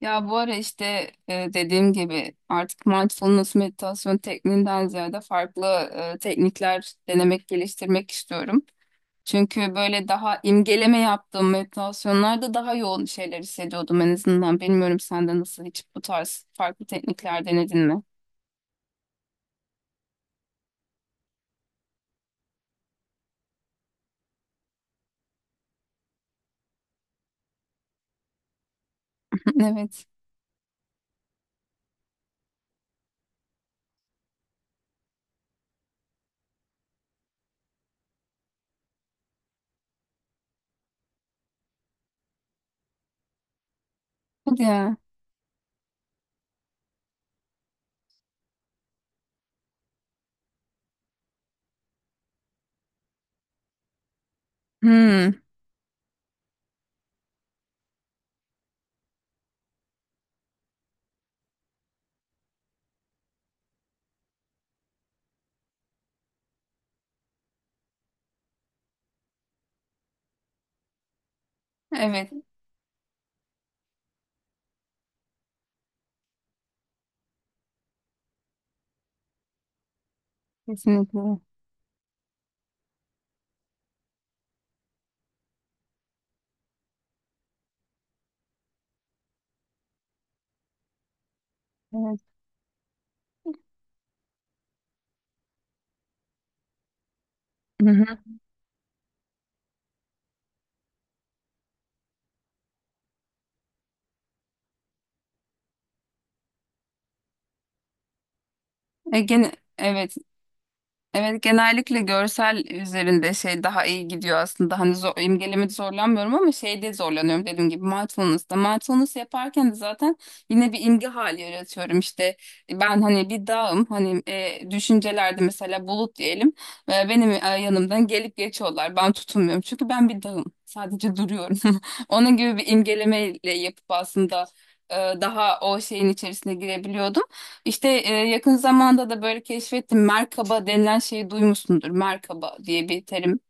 Ya bu ara işte dediğim gibi artık mindfulness meditasyon tekniğinden ziyade farklı teknikler denemek, geliştirmek istiyorum. Çünkü böyle daha imgeleme yaptığım meditasyonlarda daha yoğun şeyler hissediyordum en azından. Bilmiyorum, sen de nasıl, hiç bu tarz farklı teknikler denedin mi? Evet. Hadi ya. Hmm. Evet. Kesinlikle. Evet. Hı hı. Gene evet. Evet, genellikle görsel üzerinde şey daha iyi gidiyor aslında. Hani zor, imgelemede zorlanmıyorum ama şeyde zorlanıyorum dediğim gibi, mindfulness'ta. Mindfulness yaparken de zaten yine bir imge hali yaratıyorum işte. Ben hani bir dağım, hani düşüncelerde mesela bulut diyelim. E, benim e, Yanımdan gelip geçiyorlar. Ben tutunmuyorum çünkü ben bir dağım. Sadece duruyorum. Onun gibi bir imgelemeyle yapıp aslında daha o şeyin içerisine girebiliyordum. İşte yakın zamanda da böyle keşfettim. Merkaba denilen şeyi duymuşsundur. Merkaba diye bir terim.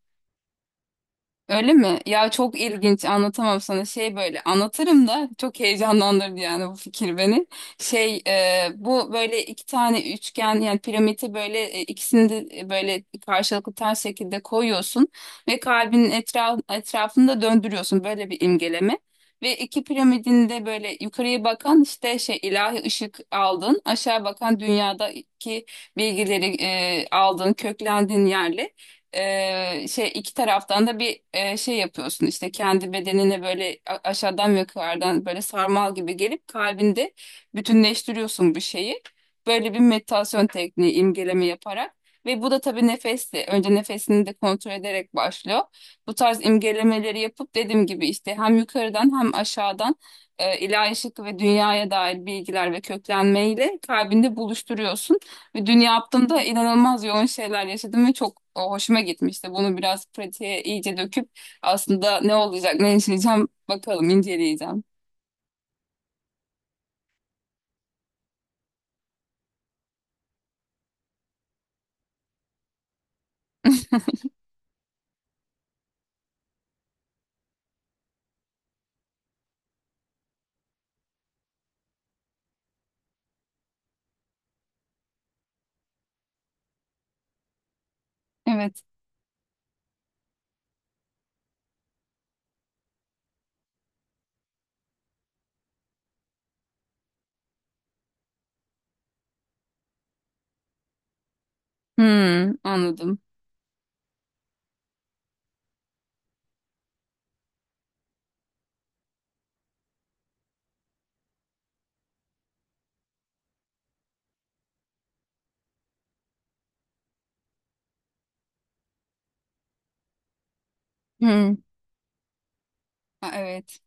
Öyle mi? Ya çok ilginç, anlatamam sana şey, böyle anlatırım da çok heyecanlandırdı yani bu fikir beni. Şey, bu böyle iki tane üçgen, yani piramidi böyle, ikisini de böyle karşılıklı ters şekilde koyuyorsun ve kalbin etrafında döndürüyorsun böyle, bir imgeleme. Ve iki piramidin de böyle yukarıya bakan işte şey, ilahi ışık aldın, aşağı bakan dünyadaki bilgileri aldın, köklendin yerle. Şey, iki taraftan da bir şey yapıyorsun işte, kendi bedenine böyle aşağıdan ve yukarıdan böyle sarmal gibi gelip kalbinde bütünleştiriyorsun bu şeyi. Böyle bir meditasyon tekniği, imgeleme yaparak. Ve bu da tabii nefesli. Önce nefesini de kontrol ederek başlıyor. Bu tarz imgelemeleri yapıp dediğim gibi işte hem yukarıdan hem aşağıdan ilahi ışık ve dünyaya dair bilgiler ve köklenmeyle kalbinde buluşturuyorsun. Ve dün yaptığımda inanılmaz yoğun şeyler yaşadım ve çok, o, hoşuma gitmişti. Bunu biraz pratiğe iyice döküp aslında ne olacak, ne yaşayacağım bakalım, inceleyeceğim. Evet. Hmm, anladım. Hmm. Ha, evet.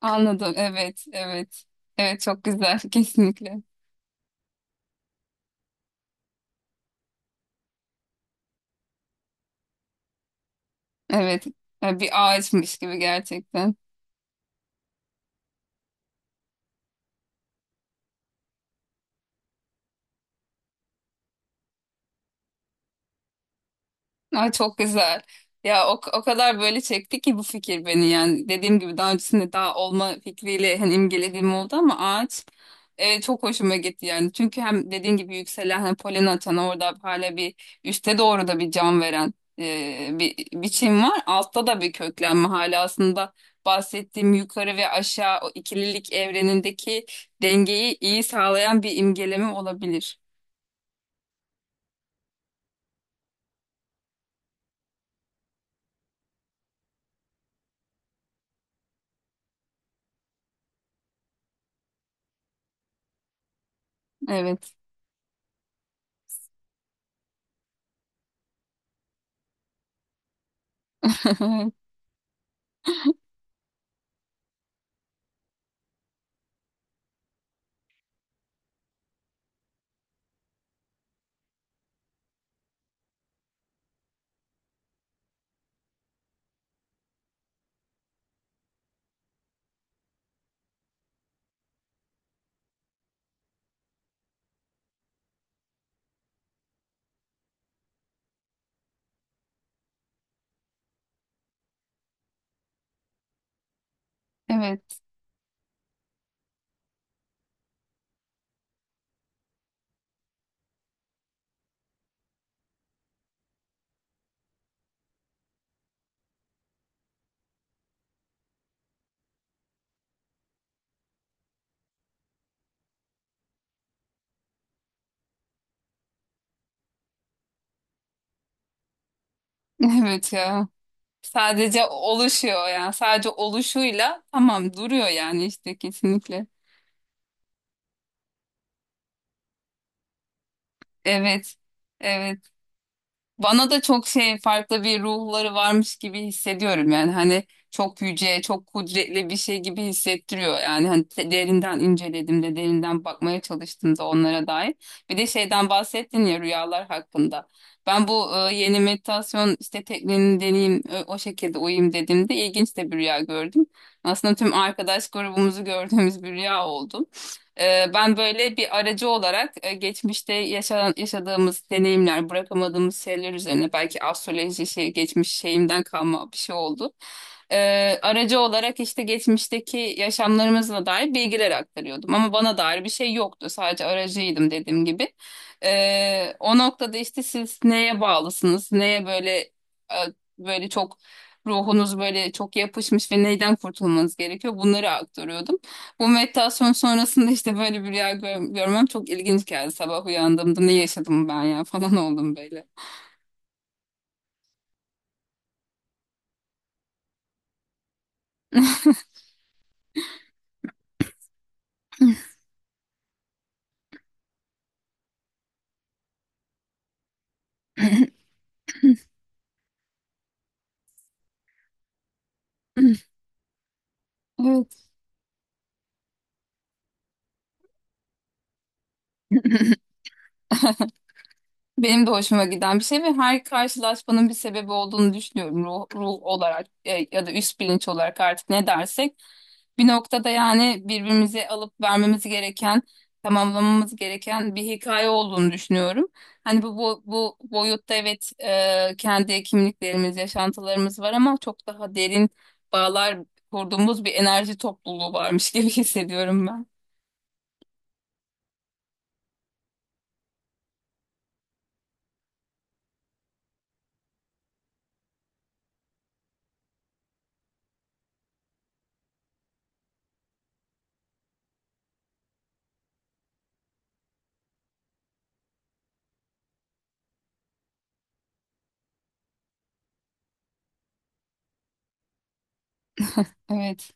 Anladım. Evet, evet. Evet, çok güzel. Kesinlikle. Evet. Ya bir ağaçmış gibi gerçekten. Ay, çok güzel. Ya o, o kadar böyle çekti ki bu fikir beni, yani dediğim gibi daha öncesinde daha olma fikriyle hani imgelediğim oldu ama ağaç çok hoşuma gitti yani. Çünkü hem dediğim gibi yükselen, hani polen atan, orada hala bir üste doğru da bir can veren bir biçim var. Altta da bir köklenme, hala aslında bahsettiğim yukarı ve aşağı, o ikililik evrenindeki dengeyi iyi sağlayan bir imgeleme olabilir. Evet. Evet. Evet ya. Sadece oluşuyor, yani sadece oluşuyla tamam duruyor, yani işte kesinlikle. Evet. Evet. Bana da çok şey, farklı bir ruhları varmış gibi hissediyorum, yani hani çok yüce, çok kudretli bir şey gibi hissettiriyor yani, hani derinden incelediğimde, derinden bakmaya çalıştığımda onlara dair. Bir de şeyden bahsettin ya, rüyalar hakkında, ben bu yeni meditasyon işte tekniğini deneyeyim, o şekilde uyuyayım dediğimde, ilginç de bir rüya gördüm aslında. Tüm arkadaş grubumuzu gördüğümüz bir rüya oldu. Ben böyle bir aracı olarak geçmişte yaşanan, yaşadığımız deneyimler, bırakamadığımız şeyler üzerine, belki astroloji şey, geçmiş şeyimden kalma bir şey oldu. Aracı olarak işte geçmişteki yaşamlarımızla dair bilgiler aktarıyordum ama bana dair bir şey yoktu. Sadece aracıydım dediğim gibi. O noktada işte siz neye bağlısınız, neye böyle böyle çok ruhunuz böyle çok yapışmış ve neyden kurtulmanız gerekiyor, bunları aktarıyordum. Bu meditasyon sonrasında işte böyle bir rüya görmem çok ilginç geldi. Sabah uyandığımda ne yaşadım ben ya falan oldum böyle. Evet. Benim de hoşuma giden bir şey ve her karşılaşmanın bir sebebi olduğunu düşünüyorum. Ruh, ruh olarak ya da üst bilinç olarak, artık ne dersek. Bir noktada yani birbirimize alıp vermemiz gereken, tamamlamamız gereken bir hikaye olduğunu düşünüyorum. Hani bu bu, bu boyutta, evet, kendi kimliklerimiz, yaşantılarımız var ama çok daha derin bağlar kurduğumuz bir enerji topluluğu varmış gibi hissediyorum ben. Evet,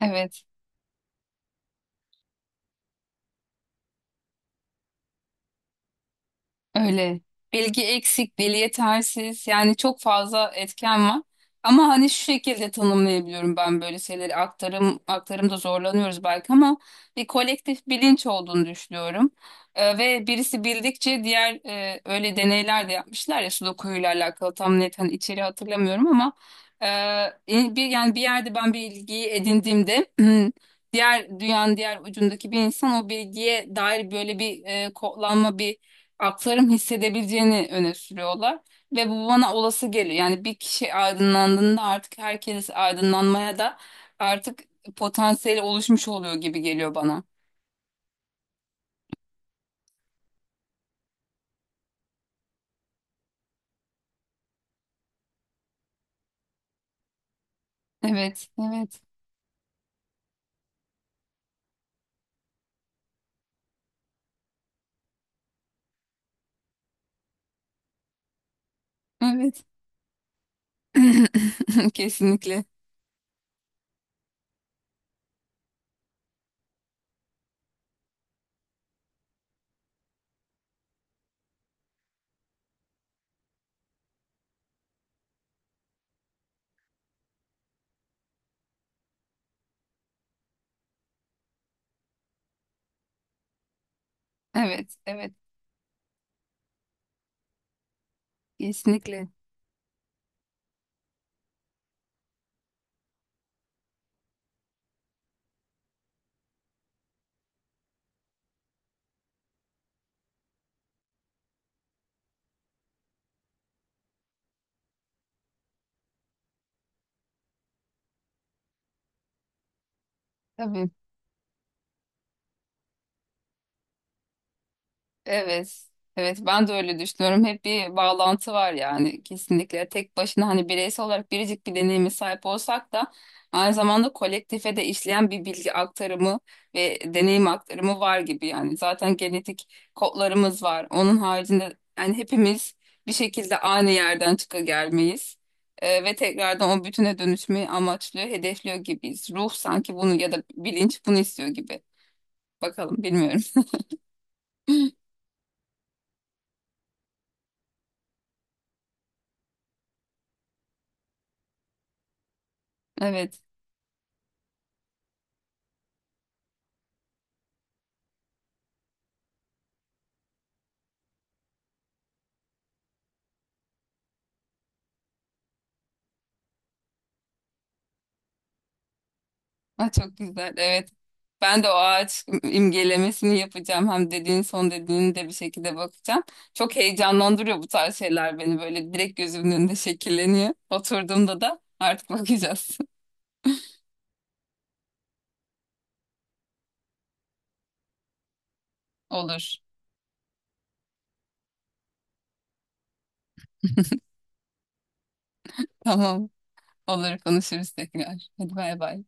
evet. Öyle. Bilgi eksik, dil yetersiz. Yani çok fazla etken var. Ama hani şu şekilde tanımlayabiliyorum ben böyle şeyleri. Aktarım, aktarımda zorlanıyoruz belki ama bir kolektif bilinç olduğunu düşünüyorum. Ve birisi bildikçe diğer, öyle deneyler de yapmışlar ya, Sudoku'yla alakalı, tam net hani içeri hatırlamıyorum ama e, bir, yani bir yerde ben bir bilgiyi edindiğimde diğer, dünyanın diğer ucundaki bir insan o bilgiye dair böyle bir kodlanma, bir akların hissedebileceğini öne sürüyorlar ve bu bana olası geliyor. Yani bir kişi aydınlandığında artık herkes aydınlanmaya da artık potansiyeli oluşmuş oluyor gibi geliyor bana. Evet, evet, evet. Kesinlikle. Evet, evet, kesinlikle. Tabii. Evet. Evet, ben de öyle düşünüyorum. Hep bir bağlantı var yani, kesinlikle. Tek başına hani bireysel olarak biricik bir deneyime sahip olsak da aynı zamanda kolektife de işleyen bir bilgi aktarımı ve deneyim aktarımı var gibi yani. Zaten genetik kodlarımız var. Onun haricinde yani hepimiz bir şekilde aynı yerden çıka gelmeyiz. Ve tekrardan o bütüne dönüşmeyi amaçlıyor, hedefliyor gibiyiz. Ruh sanki bunu, ya da bilinç bunu istiyor gibi. Bakalım, bilmiyorum. Evet. Ay, çok güzel. Evet. Ben de o ağaç imgelemesini yapacağım. Hem dediğin son dediğini de bir şekilde bakacağım. Çok heyecanlandırıyor bu tarz şeyler beni. Böyle direkt gözümün önünde şekilleniyor. Oturduğumda da artık bakacağız. Olur. Tamam. Olur, konuşuruz tekrar. Hadi bay bay.